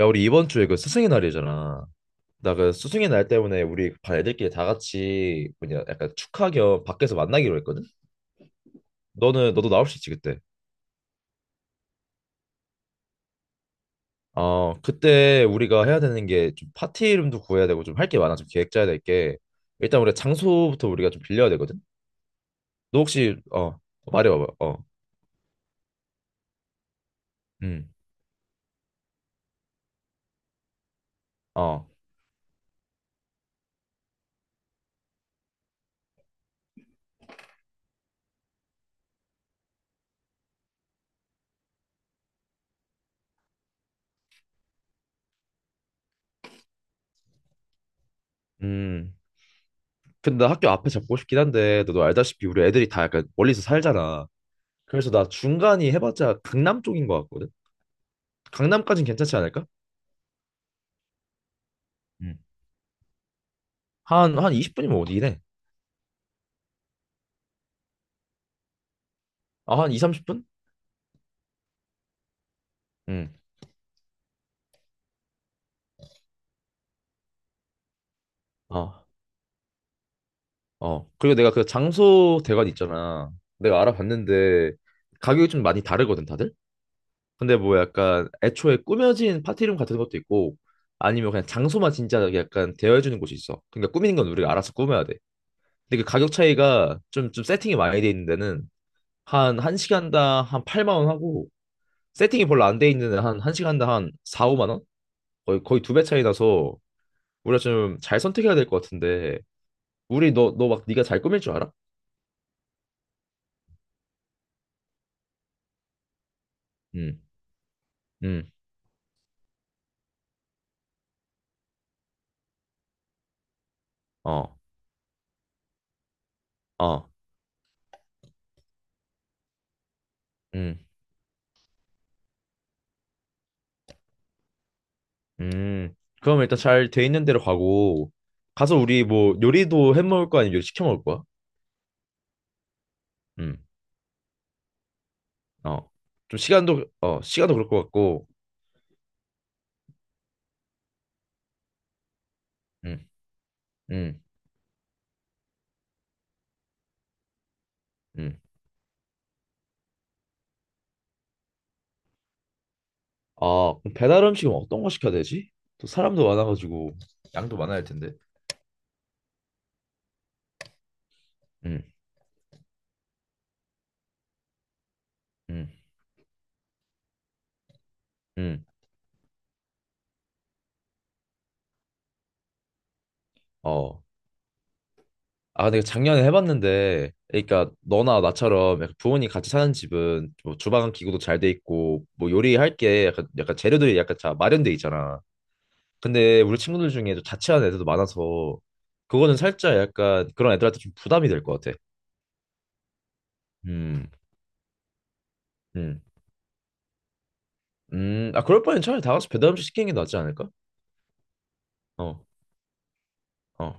야, 우리 이번 주에 그 스승의 날이잖아. 나 그 스승의 날 때문에 우리 반 애들끼리 다 같이 뭐냐 약간 축하 겸 밖에서 만나기로 했거든. 너는 너도 나올 수 있지 그때. 어, 그때 우리가 해야 되는 게 좀 파티 이름도 구해야 되고 좀 할 게 많아. 좀 계획 짜야 될 게. 일단 우리 가 장소부터 우리가 좀 빌려야 되거든. 너 혹시 말해봐봐. 어. 음. 어. 음. 근데 나 학교 앞에 잡고 싶긴 한데 너도 알다시피 우리 애들이 다 약간 멀리서 살잖아. 그래서 나 중간이 해봤자 강남 쪽인 것 같거든. 강남까진 괜찮지 않을까? 한 20분이면 어디래? 아, 한 2, 30분? 응. 아. 어. 그리고 내가 그 장소 대관 있잖아. 내가 알아봤는데 가격이 좀 많이 다르거든, 다들? 근데 뭐 약간 애초에 꾸며진 파티룸 같은 것도 있고 아니면 그냥 장소만 진짜 약간 대여해주는 곳이 있어. 그러니까 꾸미는 건 우리가 알아서 꾸며야 돼. 근데 그 가격 차이가 좀, 세팅이 많이 돼 있는 데는 한 1시간당 한 8만 원 하고 세팅이 별로 안 돼 있는 데는 한 1시간당 한 4, 5만 원? 거의 두 배 차이 나서 우리가 좀 잘 선택해야 될 것 같은데 우리 너 막 네가 잘 꾸밀 줄 알아? 음, 음, 어, 어, 음, 음. 그럼 일단 잘 돼 있는 데로 가고, 가서 우리 뭐 요리도 해 먹을 거 아니면 요리 시켜 먹을 거야? 음, 어. 좀 시간도 그럴 것 같고. 음, 음, 음. 아, 그럼 배달 음식은 어떤 거 시켜야 되지? 또 사람도 많아가지고 양도 많아야 할 텐데. 음, 음, 음, 어. 아, 내가 작년에 해봤는데, 그러니까 너나 나처럼 약간 부모님 같이 사는 집은 뭐 주방 기구도 잘 돼 있고, 뭐 요리할 게 약간, 재료들이 약간 다 마련돼 있잖아. 근데 우리 친구들 중에 좀 자취하는 애들도 많아서, 그거는 살짝 약간 그런 애들한테 좀 부담이 될 것 같아. 음, 음, 아, 그럴 바엔 차라리 다 같이 배달 음식 시키는 게 낫지 않을까? 어, 어,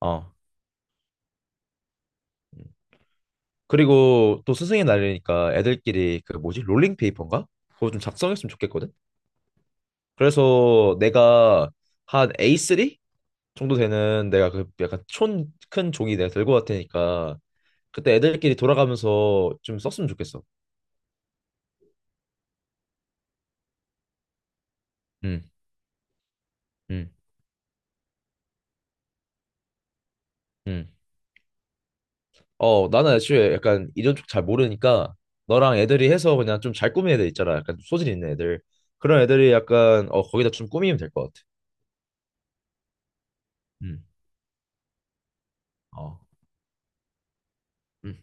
어. 음. 그리고 또 스승의 날이니까 애들끼리 그 뭐지? 롤링페이퍼인가? 그거 좀 작성했으면 좋겠거든? 그래서 내가 한 A3 정도 되는 내가 그 약간 촌큰 종이 내가 들고 갈 테니까 그때 애들끼리 돌아가면서 좀 썼으면 좋겠어. 응, 응, 응. 어, 나는 애초에 약간 이런 쪽 잘 모르니까 너랑 애들이 해서 그냥 좀 잘 꾸민 애들 있잖아. 약간 소질 있는 애들. 그런 애들이 약간 거기다 좀 꾸미면 될 것 같아. 응, 어, 응,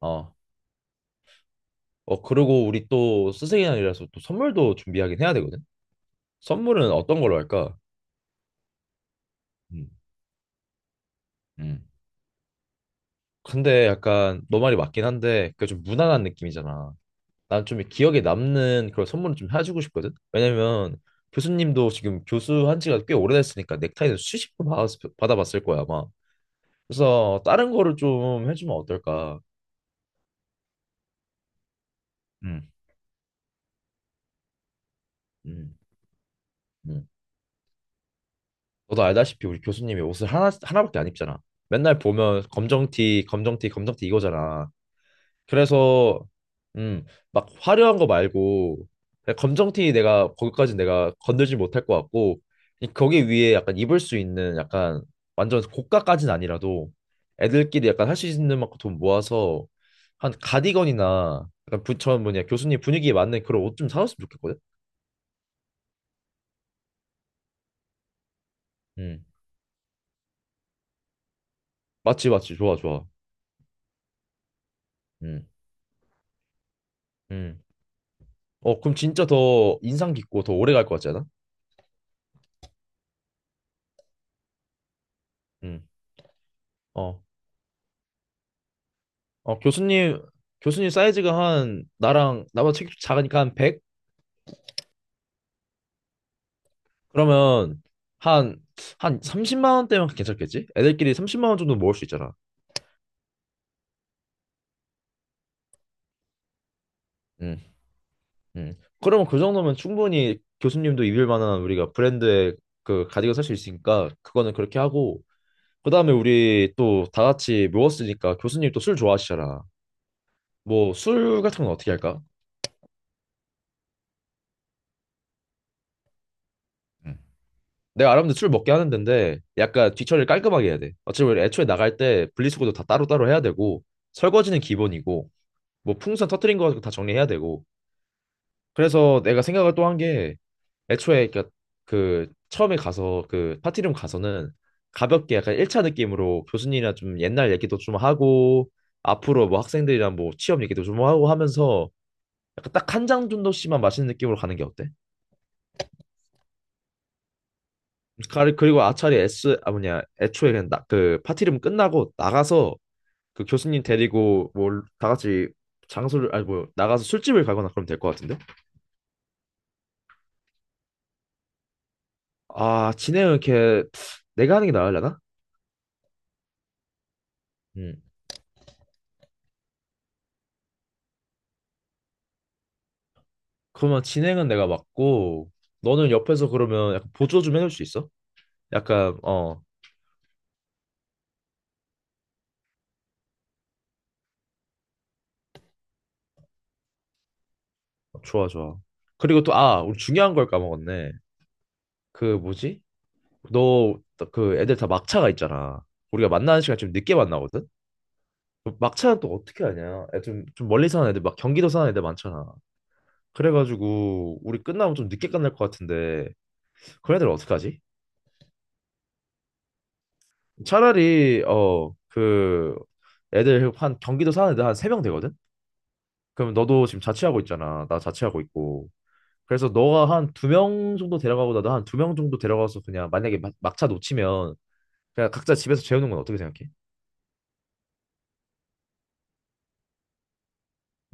어. 어, 그리고 우리 또 스승의 날이라서 또 선물도 준비하긴 해야 되거든. 선물은 어떤 걸로 할까? 음, 음. 근데 약간 너 말이 맞긴 한데 그 좀 무난한 느낌이잖아. 난 좀 기억에 남는 그런 선물을 좀 해주고 싶거든. 왜냐면 교수님도 지금 교수한 지가 꽤 오래됐으니까 넥타이는 수십 번 받아봤을 거야 아마. 그래서 다른 거를 좀 해주면 어떨까? 음, 음, 음. 너도 알다시피 우리 교수님이 옷을 하나밖에 안 입잖아. 맨날 보면 검정티, 검정티, 검정티 이거잖아. 그래서 음, 막 화려한 거 말고 그냥 검정티 내가 거기까지 내가 건들지 못할 것 같고 거기 위에 약간 입을 수 있는 약간 완전 고가까지는 아니라도 애들끼리 약간 할 수 있는 만큼 돈 모아서 한 가디건이나 약간 부처 뭐냐 교수님 분위기에 맞는 그런 옷 좀 사놨으면 좋겠거든. 음. 맞지, 맞지, 좋아, 좋아. 음. 음. 어, 그럼 진짜 더 인상 깊고 더 오래 갈 것 같지 않아? 음. 어. 어, 교수님 사이즈가 한, 나보다 책 작으니까 한 100? 그러면, 한, 한 30만 원대면 괜찮겠지? 애들끼리 30만 원 정도 모을 수 있잖아. 음, 음. 그러면 그 정도면 충분히 교수님도 입을 만한 우리가 브랜드의 그 가디건 살 수 있으니까, 그거는 그렇게 하고, 그 다음에 우리 또 다 같이 모였으니까 교수님 또 술 좋아하시잖아. 뭐, 술 같은 건 어떻게 할까? 내가 아랍인데 술 먹게 하는 데인데 약간 뒤처리를 깔끔하게 해야 돼. 어차피 우리 애초에 나갈 때 분리수거도 다 따로따로 해야 되고 설거지는 기본이고 뭐 풍선 터트린 거 가지고 다 정리해야 되고 그래서 내가 생각을 또 한 게 애초에 그니까그 처음에 가서 그 파티룸 가서는 가볍게 약간 1차 느낌으로 교수님이랑 좀 옛날 얘기도 좀 하고 앞으로 뭐 학생들이랑 뭐 취업 얘기도 좀 하고 하면서 약간 딱 한 장 정도씩만 마시는 느낌으로 가는 게 어때? 그리고 아차리 S 아 뭐냐 애초에 그냥 나, 그 파티룸 끝나고 나가서 그 교수님 데리고 뭐 다 같이 장소를 아니 뭐 나가서 술집을 가거나 그러면 될 것 같은데. 아, 진행은 이렇게 내가 하는 게 나으려나? 음. 그러면 진행은 내가 맡고 너는 옆에서 그러면 약간 보조 좀 해줄 수 있어? 약간 좋아, 좋아. 그리고 또 아, 우리 중요한 걸 까먹었네. 그 뭐지? 너 그 애들 다 막차가 있잖아. 우리가 만나는 시간 좀 늦게 만나거든? 그 막차는 또 어떻게 하냐? 애 좀, 좀 멀리 사는 애들, 막 경기도 사는 애들 많잖아. 그래가지고 우리 끝나면 좀 늦게 끝날 것 같은데 그런 애들 어떡하지? 차라리 그 애들 한, 경기도 사는 애들 한 세 명 되거든? 그럼 너도 지금 자취하고 있잖아. 나 자취하고 있고. 그래서 너가 한 두 명 정도 데려가고 나도 한 두 명 정도 데려가서 그냥 만약에 막차 놓치면 그냥 각자 집에서 재우는 건 어떻게 생각해?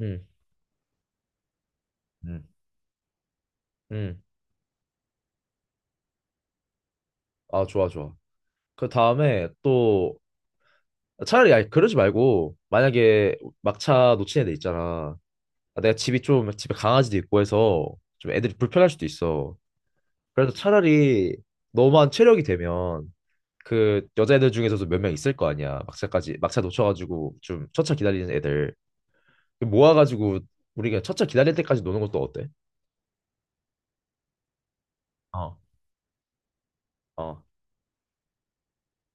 응, 응, 응. 아, 좋아, 좋아. 그 다음에 또 차라리 아니, 그러지 말고 만약에 막차 놓친 애들 있잖아. 아, 내가 집이 좀 집에 강아지도 있고 해서 좀 애들이 불편할 수도 있어. 그래서 차라리 너만 체력이 되면 그 여자애들 중에서도 몇 명 있을 거 아니야. 막차까지 막차 놓쳐가지고 좀 첫차 기다리는 애들 그 모아가지고 우리가 첫차 기다릴 때까지 노는 것도 어때? 어, 어,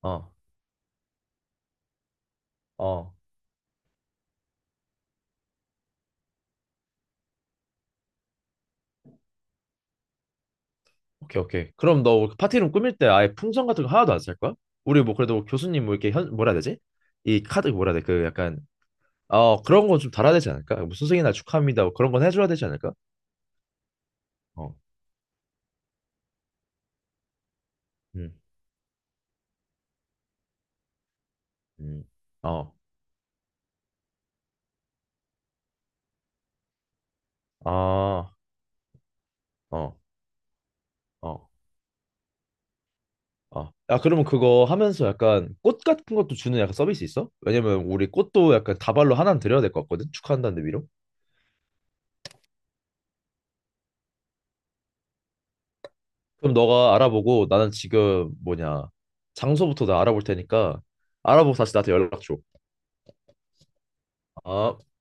어, 어. 오케이, 오케이. 그럼 너 그 파티룸 꾸밀 때 아예 풍선 같은 거 하나도 안 쓸 거야? 우리 뭐 그래도 교수님 뭐 이렇게 뭐라 해야 되지? 이 카드 뭐라 해야 돼? 그 약간 어, 그런 거 좀 달아야 되지 않을까? 뭐 스승의 날 축하합니다. 뭐 그런 건 해줘야 되지 않을까? 어, 음, 음, 어, 아, 어, 어, 어. 야, 그러면 그거 하면서 약간 꽃 같은 것도 주는 약간 서비스 있어? 왜냐면 우리 꽃도 약간 다발로 하나는 드려야 될 것 같거든? 축하한다는 의미로. 그럼 너가 알아보고 나는 지금 뭐냐, 장소부터 나 알아볼 테니까 알아보고 다시 나한테 연락 줘. 아.